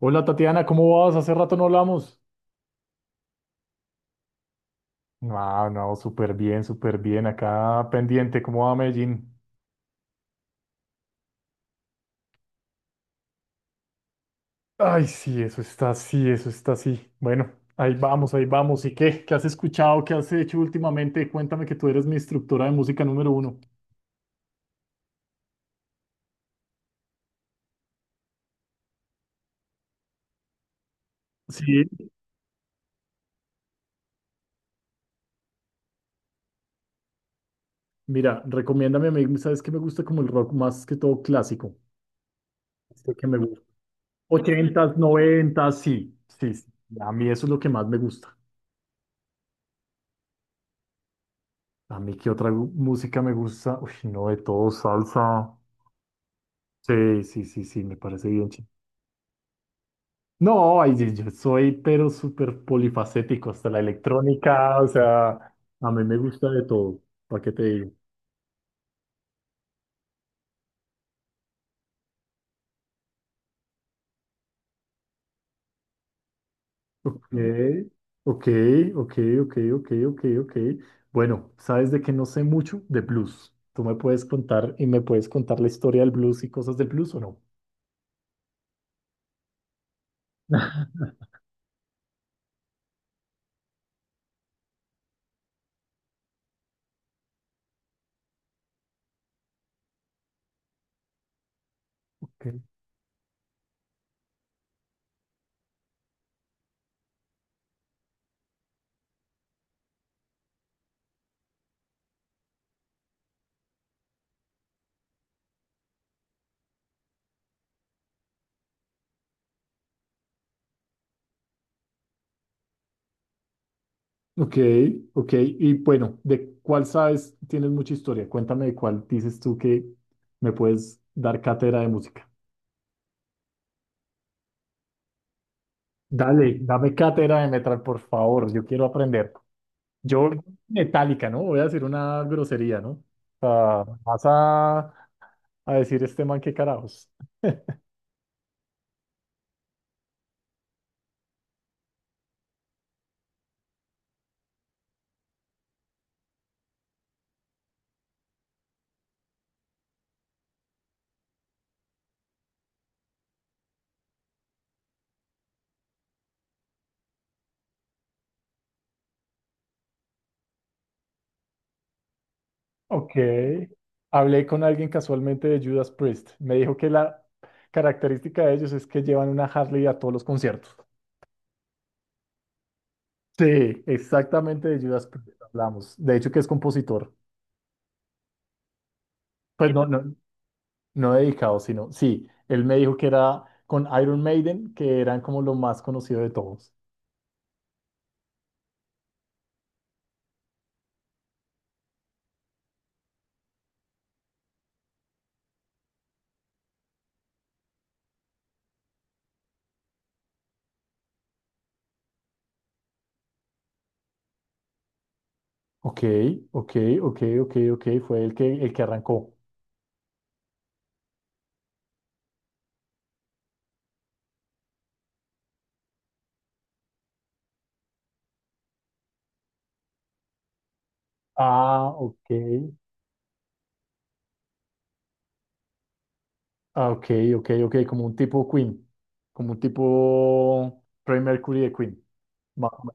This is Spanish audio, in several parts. Hola Tatiana, ¿cómo vas? Hace rato no hablamos. Ah, no, súper bien, súper bien. Acá pendiente, ¿cómo va Medellín? Ay, sí, eso está así, eso está así. Bueno, ahí vamos, ahí vamos. ¿Y qué? ¿Qué has escuchado? ¿Qué has hecho últimamente? Cuéntame que tú eres mi instructora de música número uno. Sí. Mira, recomiéndame, ¿sabes que me gusta como el rock más que todo clásico? Este que me gusta. Ochentas, noventas, sí, sí, sí. A mí eso es lo que más me gusta. A mí, ¿qué otra música me gusta? Uy, no, de todo, salsa. Sí, sí, sí, sí, me parece bien. No, ay, yo soy pero súper polifacético, hasta la electrónica, o sea, a mí me gusta de todo, ¿para qué te digo? Ok, ok, ok, ok, ok, ok, ok. Bueno, ¿sabes de qué no sé mucho? De blues. ¿Tú me puedes contar y me puedes contar la historia del blues y cosas del blues o no? Ok, ok, ok. Y bueno, ¿de cuál sabes? Tienes mucha historia. Cuéntame de cuál dices tú que me puedes dar cátedra de música. Dale, dame cátedra de metal, por favor. Yo quiero aprender. Yo, metálica, ¿no? Voy a decir una grosería, ¿no? O vas a, a decir este man qué carajos. Ok. Hablé con alguien casualmente de Judas Priest. Me dijo que la característica de ellos es que llevan una Harley a todos los conciertos. Sí, exactamente de Judas Priest hablamos. De hecho, que es compositor. Pues no, no, no dedicado, sino sí. Él me dijo que era con Iron Maiden, que eran como lo más conocido de todos. Ok, ok, ok, ok, ok, fue el que arrancó. Ah, ok. Ah, ok, ok, ok, como un tipo Queen, como un tipo Freddie Mercury de Queen. Ma- ma-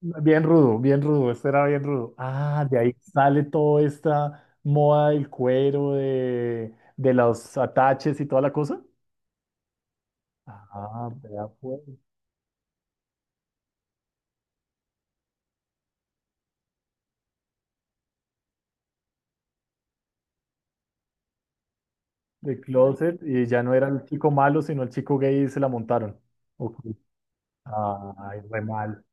Bien rudo, este era bien rudo. Ah, de ahí sale toda esta moda del cuero, de los ataches y toda la cosa. Ah, vea pues, de closet, y ya no era el chico malo, sino el chico gay y se la montaron. Ok. Ay, re mal.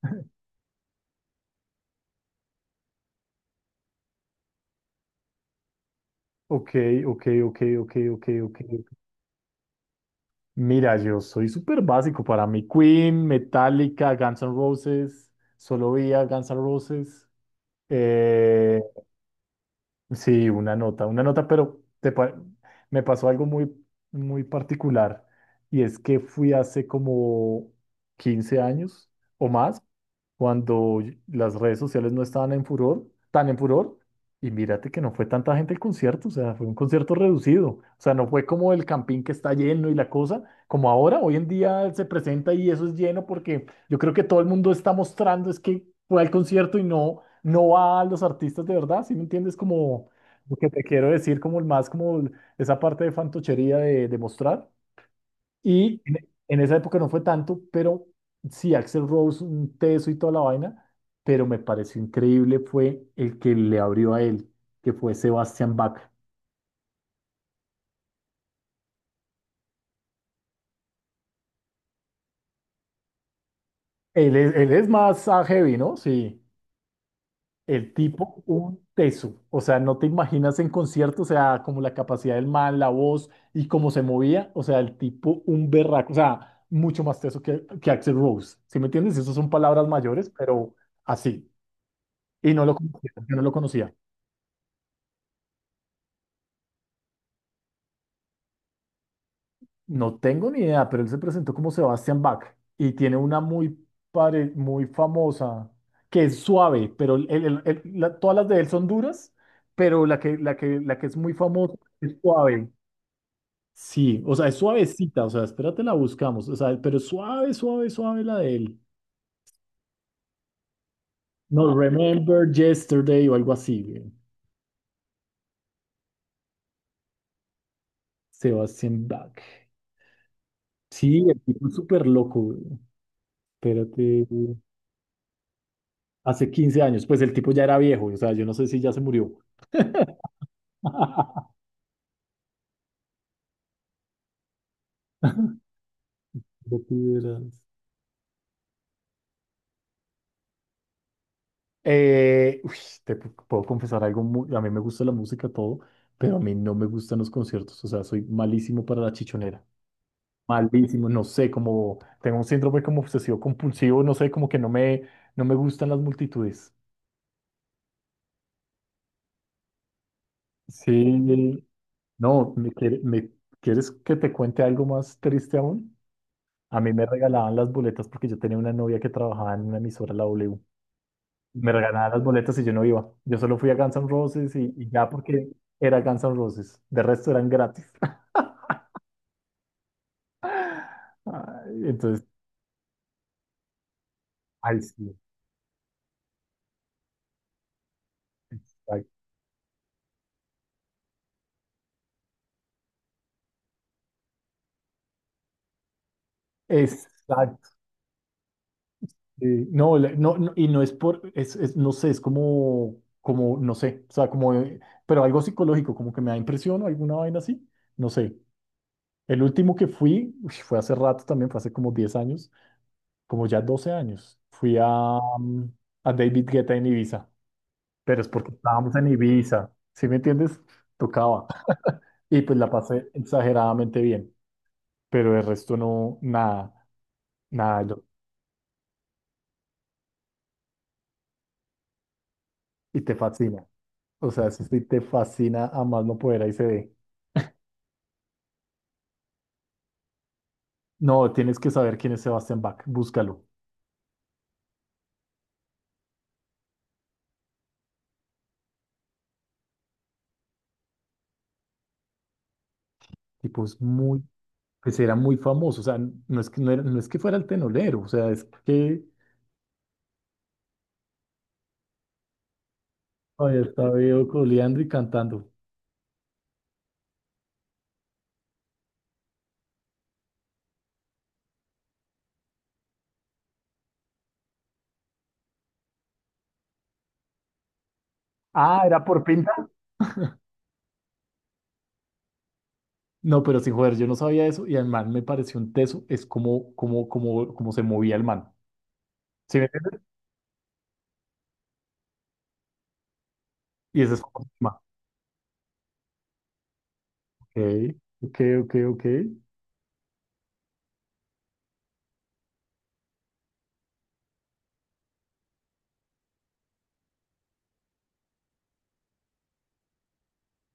Ok, ok, ok, ok, ok, ok, ok. Mira, yo soy súper básico para mí. Queen, Metallica, Guns N' Roses, solo veía Guns N' Roses. Eh, sí, una nota, pero me pasó algo muy, muy particular y es que fui hace como 15 años o más cuando las redes sociales no estaban en furor, tan en furor, y mírate que no fue tanta gente el concierto, o sea, fue un concierto reducido, o sea, no fue como el campín que está lleno y la cosa, como ahora, hoy en día se presenta y eso es lleno porque yo creo que todo el mundo está mostrando es que fue al concierto y no, no va a los artistas de verdad, ¿sí me entiendes? Como lo que te quiero decir, como el más, esa parte de fantochería de mostrar. Y en, en esa época no fue tanto, pero sí, Axel Rose, un teso y toda la vaina, pero me pareció increíble fue el que le abrió a él, que fue Sebastian Bach. Él es más heavy, ¿no? Sí, el tipo, un teso. O sea, no te imaginas en concierto, o sea, como la capacidad del man, la voz y cómo se movía, o sea, el tipo, un berraco, o sea, mucho más teso que Axel Rose. ¿Sí me entiendes? Esas son palabras mayores, pero así. Y no lo conocía, yo no lo conocía. No tengo ni idea, pero él se presentó como Sebastian Bach y tiene una muy, muy famosa que es suave, pero todas las de él son duras, pero la que es muy famosa es suave. Sí, o sea, es suavecita, o sea, espérate, la buscamos, o sea, pero es suave, suave, suave la de él. No, Remember Yesterday o algo así, güey. Sebastian Bach. Sí, el tipo es súper loco, güey. Espérate, hace 15 años, pues el tipo ya era viejo, o sea, yo no sé si ya se murió. Ya te Eh, uy, puedo confesar algo, a mí me gusta la música, todo, pero a mí no me gustan los conciertos, o sea, soy malísimo para la chichonera, malísimo, no sé, como tengo un síndrome como obsesivo compulsivo, no sé, como que no me, no me gustan las multitudes. Sí, no, ¿quieres que te cuente algo más triste aún? A mí me regalaban las boletas porque yo tenía una novia que trabajaba en una emisora, la W. Me regalaban las boletas y yo no iba. Yo solo fui a Guns N' Roses y ya porque era Guns N' Roses. De resto eran gratis. Ay, entonces, ay, sí, exacto. Exacto. Sí. No, no, no, y no es por, no sé, es como, como, no sé, o sea, como, pero algo psicológico, como que me da impresión o alguna vaina así, no sé. El último que fui, uy, fue hace rato también, fue hace como 10 años, como ya 12 años. Fui a, a David Guetta en Ibiza. Pero es porque estábamos en Ibiza, ¿sí me entiendes? Tocaba. Y pues la pasé exageradamente bien, pero el resto no, nada, nada. Y te fascina. O sea, eso sí te fascina a más no poder, ahí se ve. No, tienes que saber quién es Sebastián Bach, búscalo. Tipo, es muy, pues era muy famoso, o sea, no es que fuera el tenolero, o sea, es que había estado coleando y cantando. Ah, era por Pink. No, pero sin joder, yo no sabía eso y al man me pareció un teso, es como, como, como, como se movía el man. ¿Sí me entiendes? Y ese es como el tema. Ok, ok, ok, ok.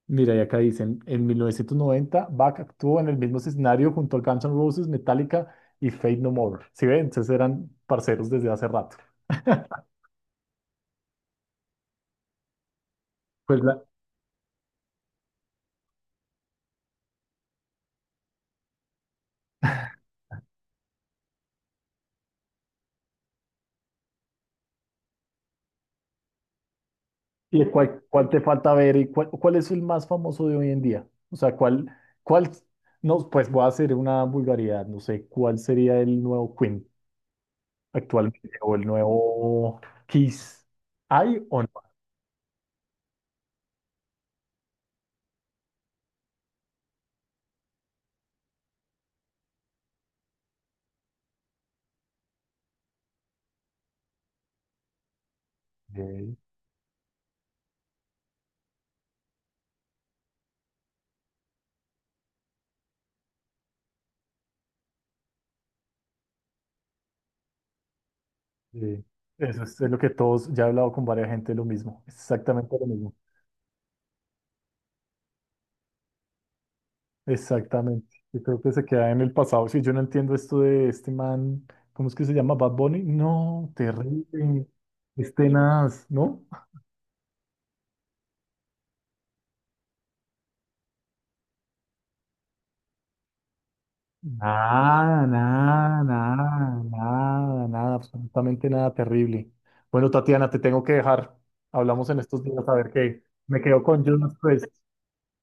Mira, y acá dicen, en 1990, Bach actuó en el mismo escenario junto a Guns N' Roses, Metallica y Faith No More. ¿Sí ven? Entonces eran parceros desde hace rato. Pues la- ¿y cuál, cuál te falta ver y cuál, cuál es el más famoso de hoy en día? O sea, ¿cuál, cuál, no, pues voy a hacer una vulgaridad, no sé, ¿cuál sería el nuevo Queen actualmente o el nuevo Kiss? ¿Hay o no? Ok, sí. Eso es lo que todos, ya he hablado con varias gente lo mismo, exactamente lo mismo, exactamente. Yo creo que se queda en el pasado. Si yo no entiendo esto de este man, ¿cómo es que se llama? Bad Bunny. No, terrible. Es tenaz, ¿no? Nada, nada, nada, nada, nada, nada, absolutamente nada, terrible. Bueno, Tatiana, te tengo que dejar. Hablamos en estos días a ver qué. Me quedo con Judas